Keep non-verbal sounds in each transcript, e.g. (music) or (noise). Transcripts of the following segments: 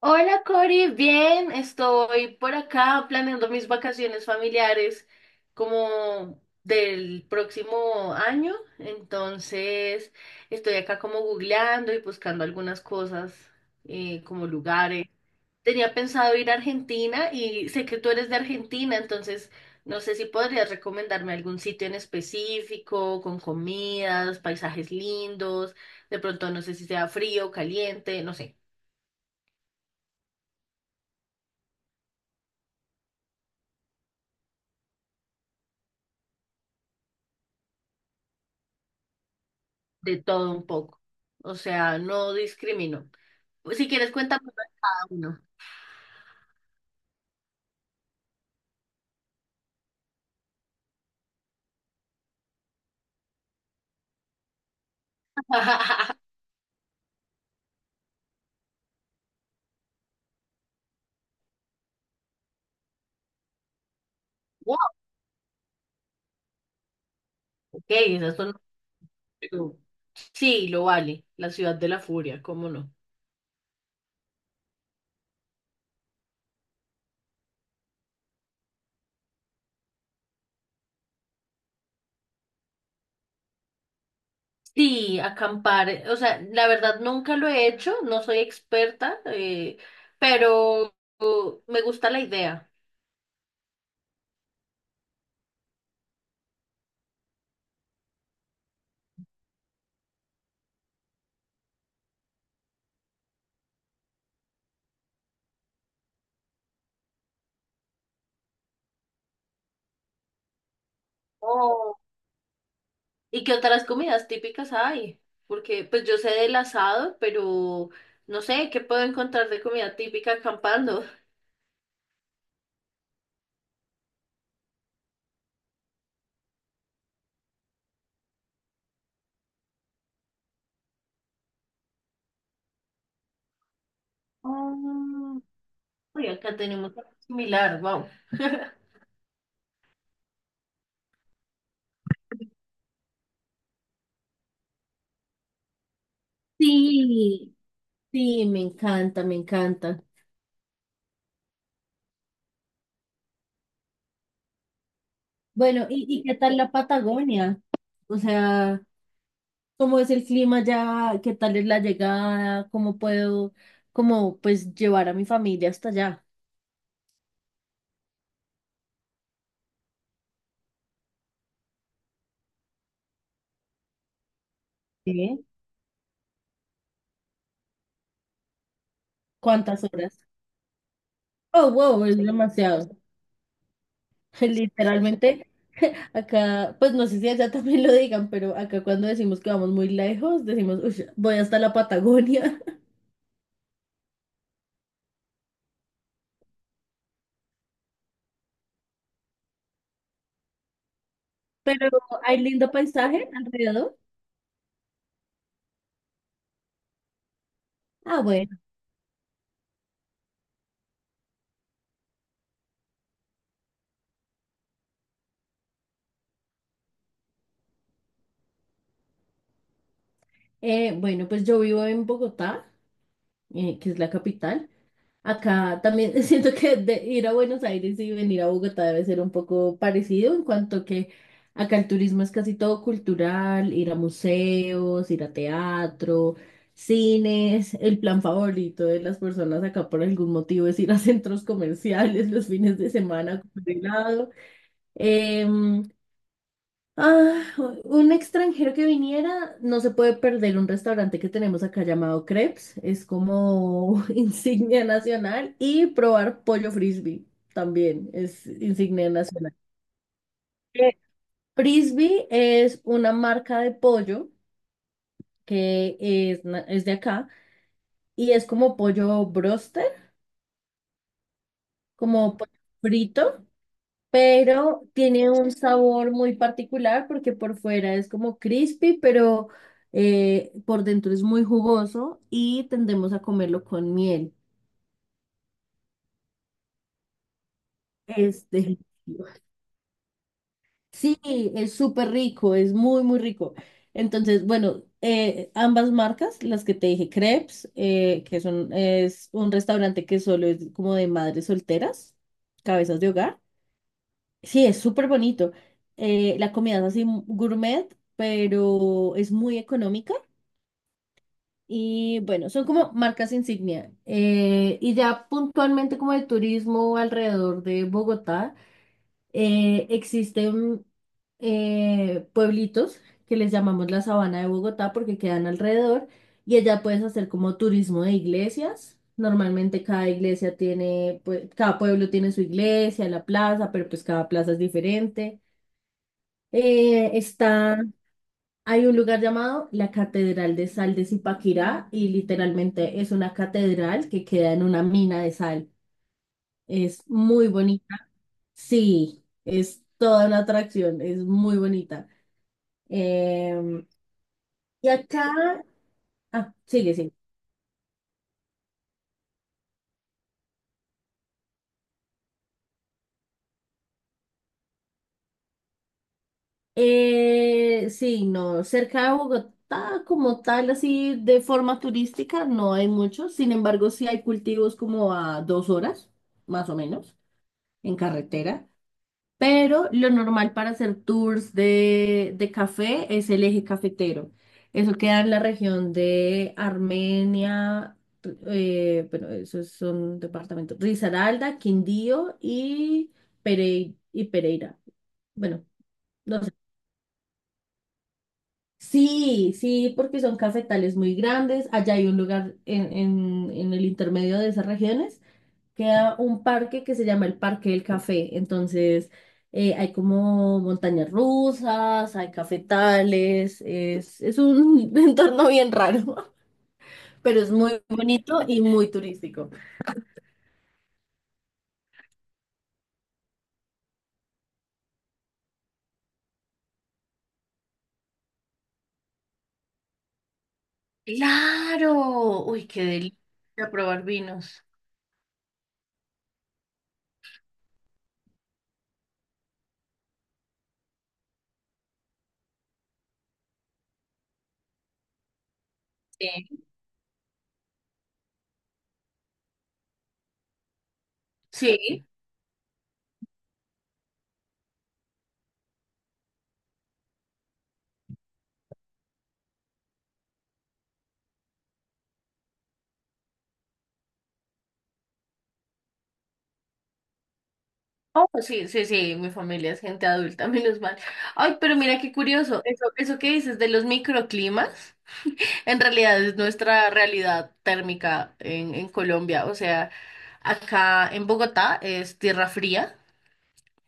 Hola Cori, bien, estoy por acá planeando mis vacaciones familiares como del próximo año, entonces estoy acá como googleando y buscando algunas cosas como lugares. Tenía pensado ir a Argentina y sé que tú eres de Argentina, entonces no sé si podrías recomendarme algún sitio en específico, con comidas, paisajes lindos, de pronto no sé si sea frío, caliente, no sé. De todo un poco. O sea, no discrimino. Pues, si quieres, cuéntame cada uno. (laughs) Wow, ok, esas son. Sí, lo vale. La ciudad de la furia, ¿cómo no? Sí, acampar, o sea, la verdad nunca lo he hecho, no soy experta, pero me gusta la idea. Oh. ¿Y qué otras comidas típicas hay? Porque pues yo sé del asado, pero no sé qué puedo encontrar de comida típica acampando. Oh. Uy, acá tenemos algo similar, wow. Sí, sí, me encanta, me encanta. Bueno, ¿y qué tal la Patagonia? O sea, ¿cómo es el clima ya? ¿Qué tal es la llegada? ¿Cómo puedo, como, pues, llevar a mi familia hasta allá? Sí. ¿Cuántas horas? Oh, wow, es demasiado. (laughs) Literalmente, (laughs) acá, pues no sé si allá también lo digan, pero acá cuando decimos que vamos muy lejos, decimos, "Ush, voy hasta la Patagonia". (laughs) Pero hay lindo paisaje alrededor. Ah, bueno. Bueno, pues yo vivo en Bogotá, que es la capital. Acá también (laughs) siento que de ir a Buenos Aires y venir a Bogotá debe ser un poco parecido en cuanto que acá el turismo es casi todo cultural, ir a museos, ir a teatro, cines. El plan favorito de las personas acá por algún motivo es ir a (laughs) centros comerciales los fines de semana a comer helado. Em, Ah, un extranjero que viniera no se puede perder un restaurante que tenemos acá llamado Crepes. Es como (laughs) insignia nacional, y probar pollo frisbee también es insignia nacional. Eh, Frisbee es una marca de pollo que es, es de acá y es como pollo broster, como pollo frito. Pero tiene un sabor muy particular porque por fuera es como crispy, pero por dentro es muy jugoso y tendemos a comerlo con miel. Es delicioso. Sí, es súper rico, es muy, muy rico. Entonces, bueno, ambas marcas, las que te dije, Crepes, que son, es un restaurante que solo es como de madres solteras, cabezas de hogar. Sí, es súper bonito. La comida es así gourmet, pero es muy económica. Y bueno, son como marcas insignia. Y ya puntualmente como de turismo alrededor de Bogotá, existen pueblitos que les llamamos la Sabana de Bogotá porque quedan alrededor, y allá puedes hacer como turismo de iglesias. Normalmente cada iglesia tiene, pues, cada pueblo tiene su iglesia, la plaza, pero pues cada plaza es diferente. Eh, está, hay un lugar llamado la Catedral de Sal de Zipaquirá y literalmente es una catedral que queda en una mina de sal. Es muy bonita. Sí, es toda una atracción, es muy bonita. Em, y acá, ah, sigue, sí. Sí, no, cerca de Bogotá como tal, así de forma turística, no hay mucho. Sin embargo, sí hay cultivos como a dos horas, más o menos, en carretera. Pero lo normal para hacer tours de café es el eje cafetero. Eso queda en la región de Armenia, bueno, esos son departamentos, Risaralda, Quindío y, y Pereira. Bueno, no sé. Sí, sí, porque son cafetales muy grandes. Allá hay un lugar en el intermedio de esas regiones queda un parque que se llama el Parque del Café. Entonces, hay como montañas rusas, hay cafetales, es un (laughs) entorno bien raro, pero es muy bonito y muy turístico. Claro, uy, qué delicia probar vinos. Sí, sí, oh, pues sí, sí, sí, mi familia es gente adulta, (laughs) menos mal. Ay, pero mira qué curioso, eso que dices de los microclimas. En realidad es nuestra realidad térmica en Colombia. O sea, acá en Bogotá es tierra fría,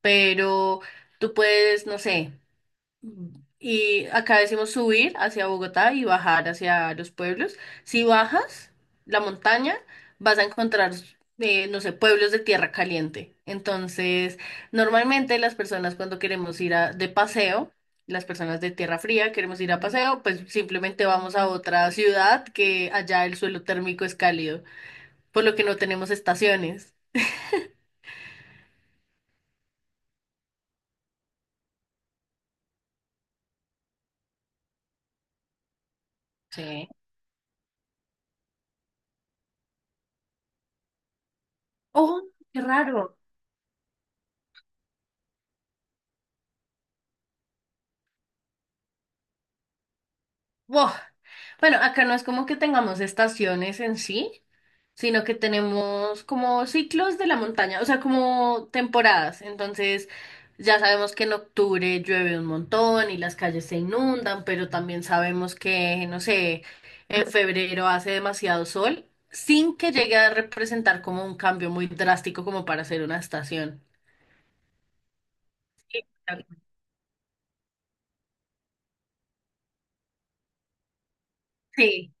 pero tú puedes, no sé. Y acá decimos subir hacia Bogotá y bajar hacia los pueblos. Si bajas la montaña, vas a encontrar, no sé, pueblos de tierra caliente. Entonces, normalmente las personas cuando queremos de paseo, las personas de tierra fría queremos ir a paseo, pues simplemente vamos a otra ciudad que allá el suelo térmico es cálido, por lo que no tenemos estaciones. Sí. Oh, qué raro. Buah. Bueno, acá no es como que tengamos estaciones en sí, sino que tenemos como ciclos de la montaña, o sea, como temporadas. Entonces, ya sabemos que en octubre llueve un montón y las calles se inundan, pero también sabemos que, no sé, en febrero hace demasiado sol, sin que llegue a representar como un cambio muy drástico como para hacer una estación. Sí,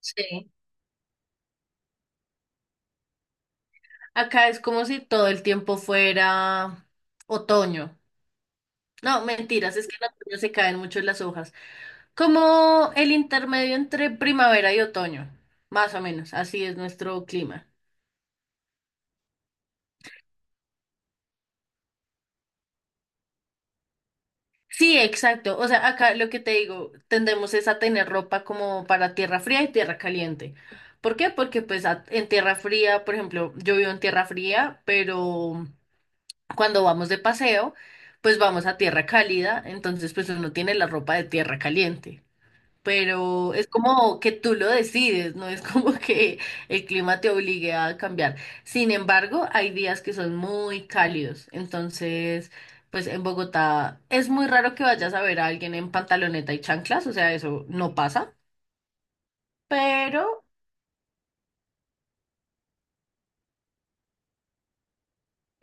sí. Acá es como si todo el tiempo fuera otoño. No, mentiras, es que en otoño se caen mucho las hojas. Como el intermedio entre primavera y otoño, más o menos, así es nuestro clima. Sí, exacto. O sea, acá lo que te digo, tendemos es a tener ropa como para tierra fría y tierra caliente. ¿Por qué? Porque pues en tierra fría, por ejemplo, yo vivo en tierra fría, pero cuando vamos de paseo, pues vamos a tierra cálida, entonces pues uno tiene la ropa de tierra caliente. Pero es como que tú lo decides, no es como (laughs) que el clima te obligue a cambiar. Sin embargo, hay días que son muy cálidos, entonces, pues en Bogotá es muy raro que vayas a ver a alguien en pantaloneta y chanclas, o sea, eso no pasa, pero...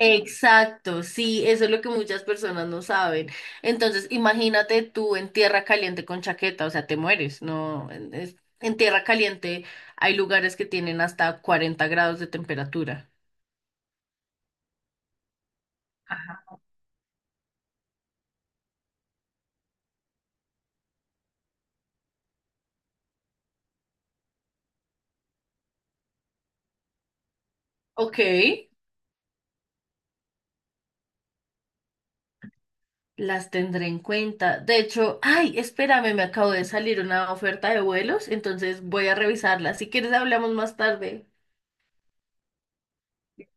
Exacto, sí, eso es lo que muchas personas no saben. Entonces, imagínate tú en tierra caliente con chaqueta, o sea, te mueres, no, en tierra caliente hay lugares que tienen hasta 40 grados de temperatura. Ok, las tendré en cuenta. De hecho, ay, espérame, me acabo de salir una oferta de vuelos, entonces voy a revisarla. Si quieres, hablamos más tarde.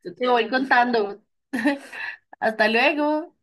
Yo te voy contando. Hasta luego.